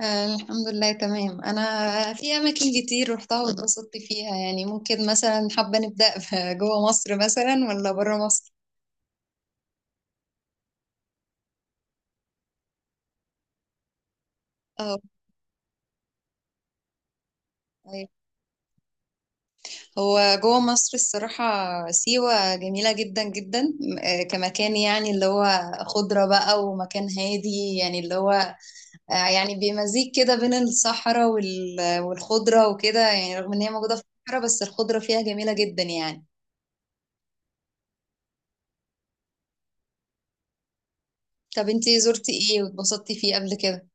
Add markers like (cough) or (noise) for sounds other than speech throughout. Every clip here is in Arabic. الحمد لله تمام. انا في اماكن كتير روحتها واتبسطت فيها، يعني ممكن مثلا حابه نبدا (laughs) جوه مصر مثلا ولا بره مصر؟ اه، طيب. هو جوه مصر الصراحه، سيوه جميله جدا جدا، كمكان يعني اللي هو خضره بقى، ومكان هادي يعني اللي هو آه، يعني بمزيج كده بين الصحراء والخضره وكده، يعني رغم ان هي موجوده في الصحراء بس الخضره فيها جميله جدا يعني. طب انتي زرتي ايه واتبسطتي فيه قبل كده؟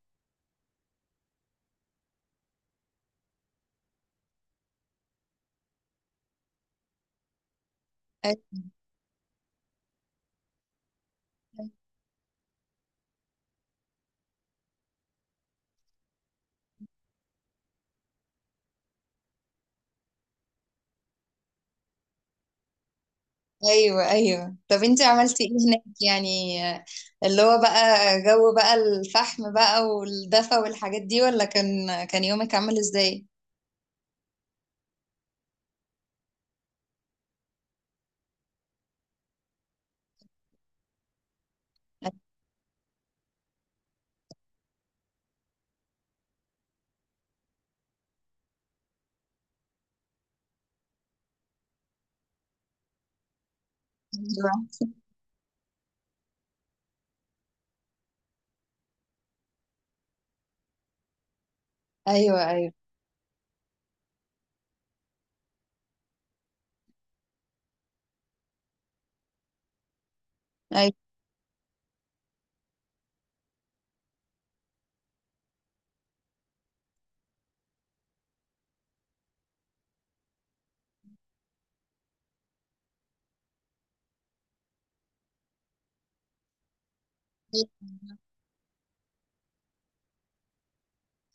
ايوه ايوه. طب انت عملتي ايه هناك؟ يعني اللي هو بقى جو بقى الفحم بقى والدفا والحاجات دي، ولا كان يومك عامل ازاي؟ ايوه ايوه ايوه ايوه.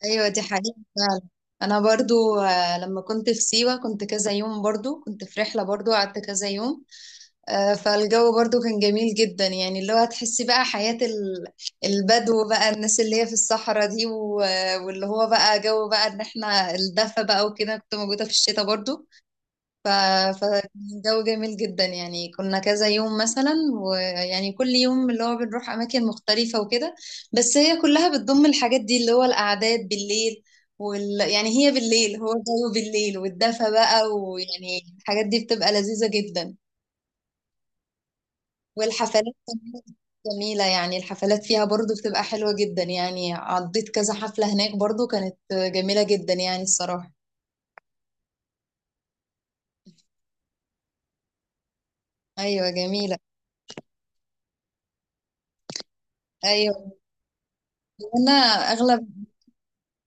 ايوه دي حقيقة فعلا. انا برضو لما كنت في سيوة كنت كذا يوم، برضو كنت في رحلة، برضو قعدت كذا يوم. فالجو برضو كان جميل جدا، يعني اللي هو هتحسي بقى حياة البدو بقى، الناس اللي هي في الصحراء دي، واللي هو بقى جو بقى ان احنا الدفا بقى وكده. كنت موجودة في الشتاء برضو. ف- فالجو جميل جدا، يعني كنا كذا يوم مثلا، ويعني كل يوم اللي هو بنروح أماكن مختلفة وكده، بس هي كلها بتضم الحاجات دي اللي هو القعدات بالليل، وال... يعني هي بالليل، هو الجو بالليل والدفا بقى، ويعني الحاجات دي بتبقى لذيذة جدا. والحفلات كمان جميلة، يعني الحفلات فيها برضو بتبقى حلوة جدا، يعني عديت كذا حفلة هناك برضو، كانت جميلة جدا يعني الصراحة. أيوة جميلة. أيوة، أنا أغلب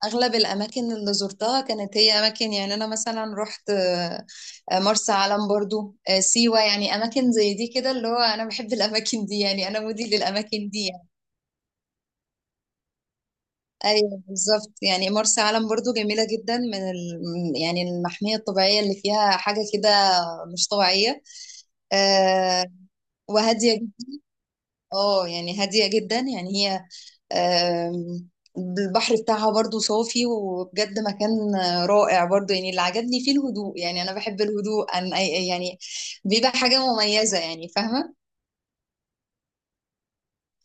أغلب الأماكن اللي زرتها كانت هي أماكن، يعني أنا مثلا رحت مرسى علم، برضو سيوة، يعني أماكن زي دي كده، اللي هو أنا بحب الأماكن دي، يعني أنا مودي للأماكن دي يعني. أيوة بالظبط، يعني مرسى علم برضو جميلة جدا، من ال... يعني المحمية الطبيعية اللي فيها حاجة كده مش طبيعية. آه، وهادية جدا. اه يعني هادية جدا يعني هي، آم، البحر بتاعها برضو صافي، وبجد مكان رائع برضو. يعني اللي عجبني فيه الهدوء، يعني أنا بحب الهدوء. أن يعني بيبقى حاجة مميزة يعني، فاهمة.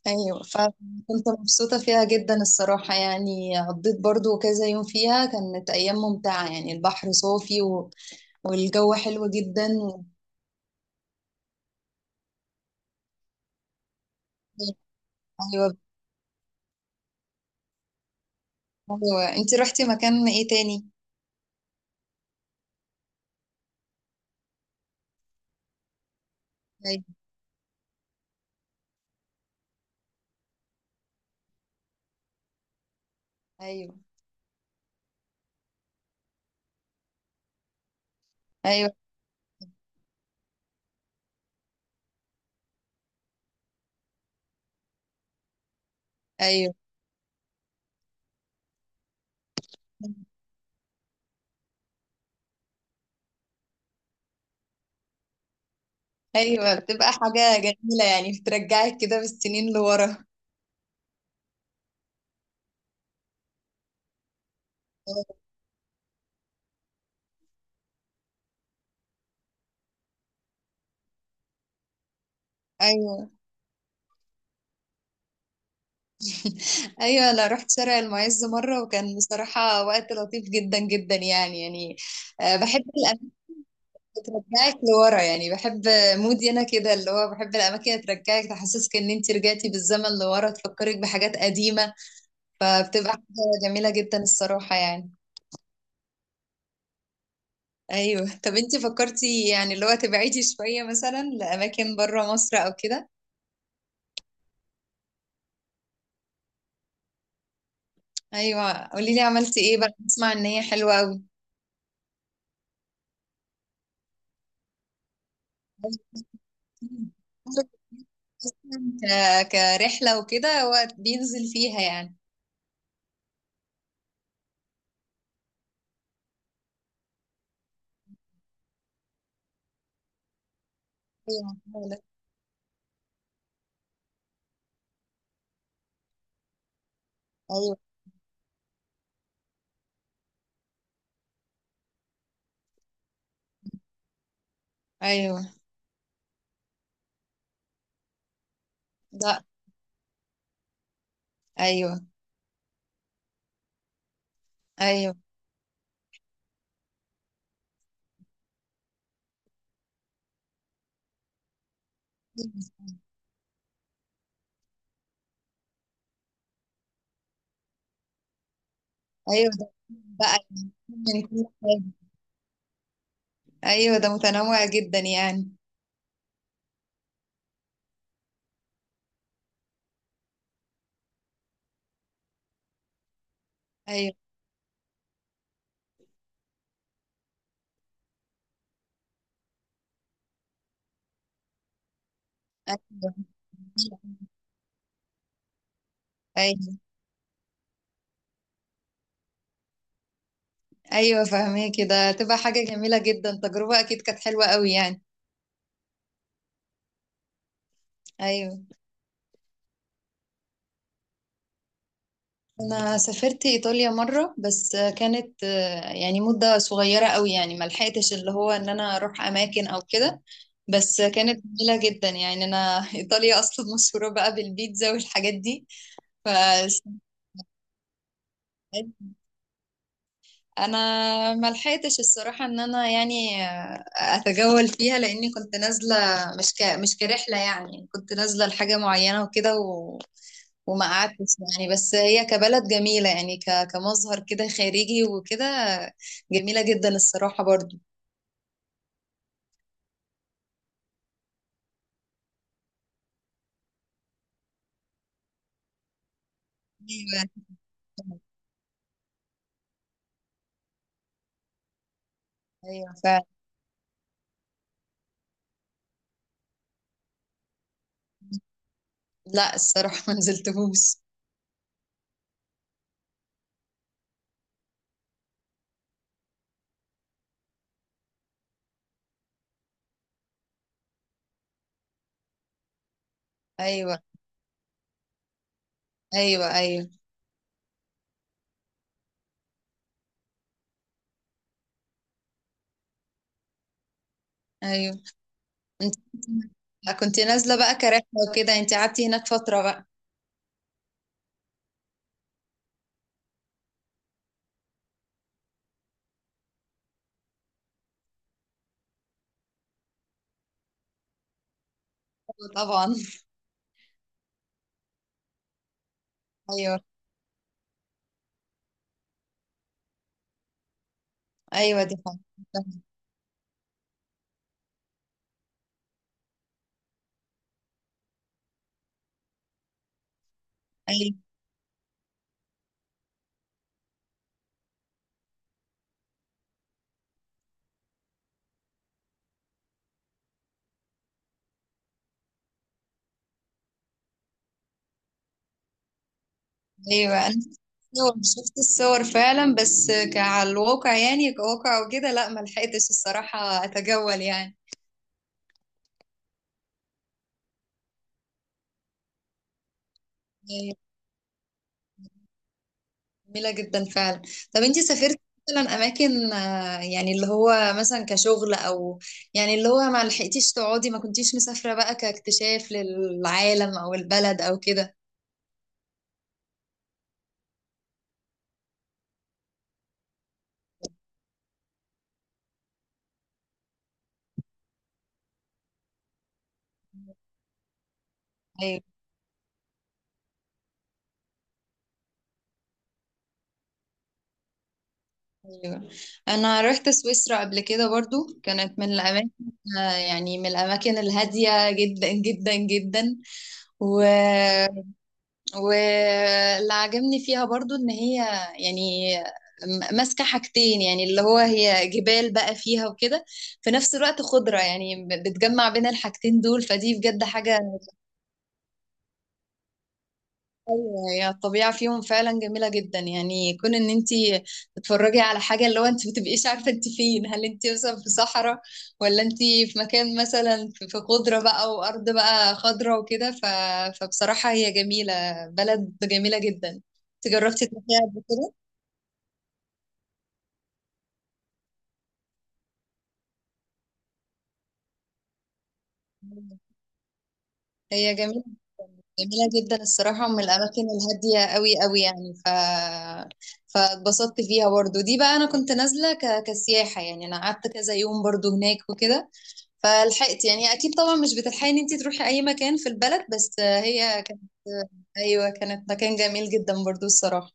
أيوة، فكنت مبسوطة فيها جدا الصراحة، يعني قضيت برضو كذا يوم فيها، كانت أيام ممتعة، يعني البحر صافي و... والجو حلو جدا و... أيوة أيوة. أنتي رحتي مكان إيه تاني؟ أيوة أيوة. ايوه ايوه. ايوه بتبقى حاجه جميله، يعني بترجعك كده بالسنين لورا. ايوه ايوه، انا رحت شارع المعز مره، وكان بصراحه وقت لطيف جدا جدا يعني يعني. بحب الاماكن اللي ترجعك لورا، يعني بحب، مودي انا كده، اللي هو بحب الاماكن اللي ترجعك تحسسك ان انت رجعتي بالزمن لورا، تفكرك بحاجات قديمه، فبتبقى حاجه جميله جدا الصراحه يعني. ايوه. طب انت فكرتي يعني اللي هو تبعدي شويه مثلا لاماكن بره مصر او كده؟ ايوه، قولي لي عملتي ايه بقى، بسمع ان هي حلوه قوي. (laughs) كرحله وكده، هو بينزل فيها يعني. ايوه فعلا. ايوه ايوه. لا. ايوه ايوه ايوه. ده بقى من كل حاجه. ايوه ده متنوع جدا يعني. ايوه ايوه. ايوه ايوه فاهمه كده، تبقى حاجه جميله جدا، تجربه اكيد كانت حلوه قوي يعني. ايوه. انا سافرت ايطاليا مره، بس كانت يعني مده صغيره قوي، يعني ما لحقتش اللي هو ان انا اروح اماكن او كده، بس كانت جميله جدا يعني. انا (laughs) ايطاليا اصلا مشهوره بقى بالبيتزا والحاجات دي. ف انا ما لحقتش الصراحه ان انا يعني اتجول فيها، لاني كنت نازله مش مش كرحله، يعني كنت نازله لحاجه معينه وكده، وما قعدتش يعني. بس هي كبلد جميلة يعني، كمظهر كده خارجي وكده، جميلة جدا الصراحة برضو. أيوة أيوة فعلا. لا الصراحة ما نزلتهوش. أيوة أيوة أيوة أيوة. كنت نازلة بقى كرحلة وكده. أنت قعدتي هناك فترة بقى؟ أيوة طبعا. أيوة أيوة دي حاجة. أيوة أيوة. أنا شفت الصور، شفت الصور فعلا، بس كعلى الواقع يعني، كواقع وكده لا، ما لحقتش الصراحة أتجول يعني. جميلة جدا فعلا. طب انتي سافرتي مثلا اماكن يعني اللي هو مثلا كشغل او يعني اللي هو ما لحقتيش تقعدي، ما كنتيش مسافرة بقى كاكتشاف للعالم او البلد او كده؟ ايوه ايوه. انا رحت سويسرا قبل كده، برضو كانت من الاماكن، يعني من الاماكن الهادية جدا جدا جدا. و... واللي عجبني فيها برضو ان هي يعني ماسكة حاجتين، يعني اللي هو هي جبال بقى فيها وكده، في نفس الوقت خضرة، يعني بتجمع بين الحاجتين دول، فدي بجد حاجة. ايوه هي الطبيعه فيهم فعلا جميله جدا، يعني كون ان انت تتفرجي على حاجه، اللي هو انت ما بتبقيش عارفه انت فين، هل انت مثلا في صحراء، ولا انت في مكان مثلا في في خضره بقى، وارض بقى خضره وكده، ف... فبصراحه هي جميله، بلد جميله جدا. انت جربتي تروحيها قبل كده؟ هي جميله، جميله جدا الصراحه، من الاماكن الهاديه قوي قوي يعني. فاتبسطت فيها برضو. دي بقى انا كنت نازله كسياحه يعني، انا قعدت كذا يوم برضو هناك وكده، فلحقت يعني. اكيد طبعا مش بتلحقي ان انت تروحي اي مكان في البلد، بس هي كانت، ايوه، كانت مكان جميل جدا برضو الصراحه.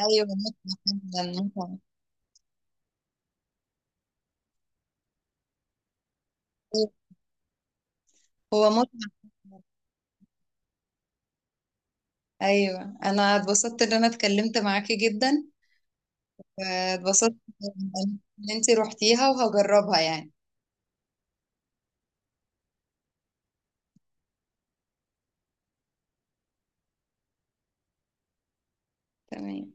ايوه متعه، جدا متعه. أيوة، هو متعه. ايوه، انا اتبسطت ان انا اتكلمت معاكي جدا. واتبسطت ان انت روحتيها وهجربها يعني. تمام.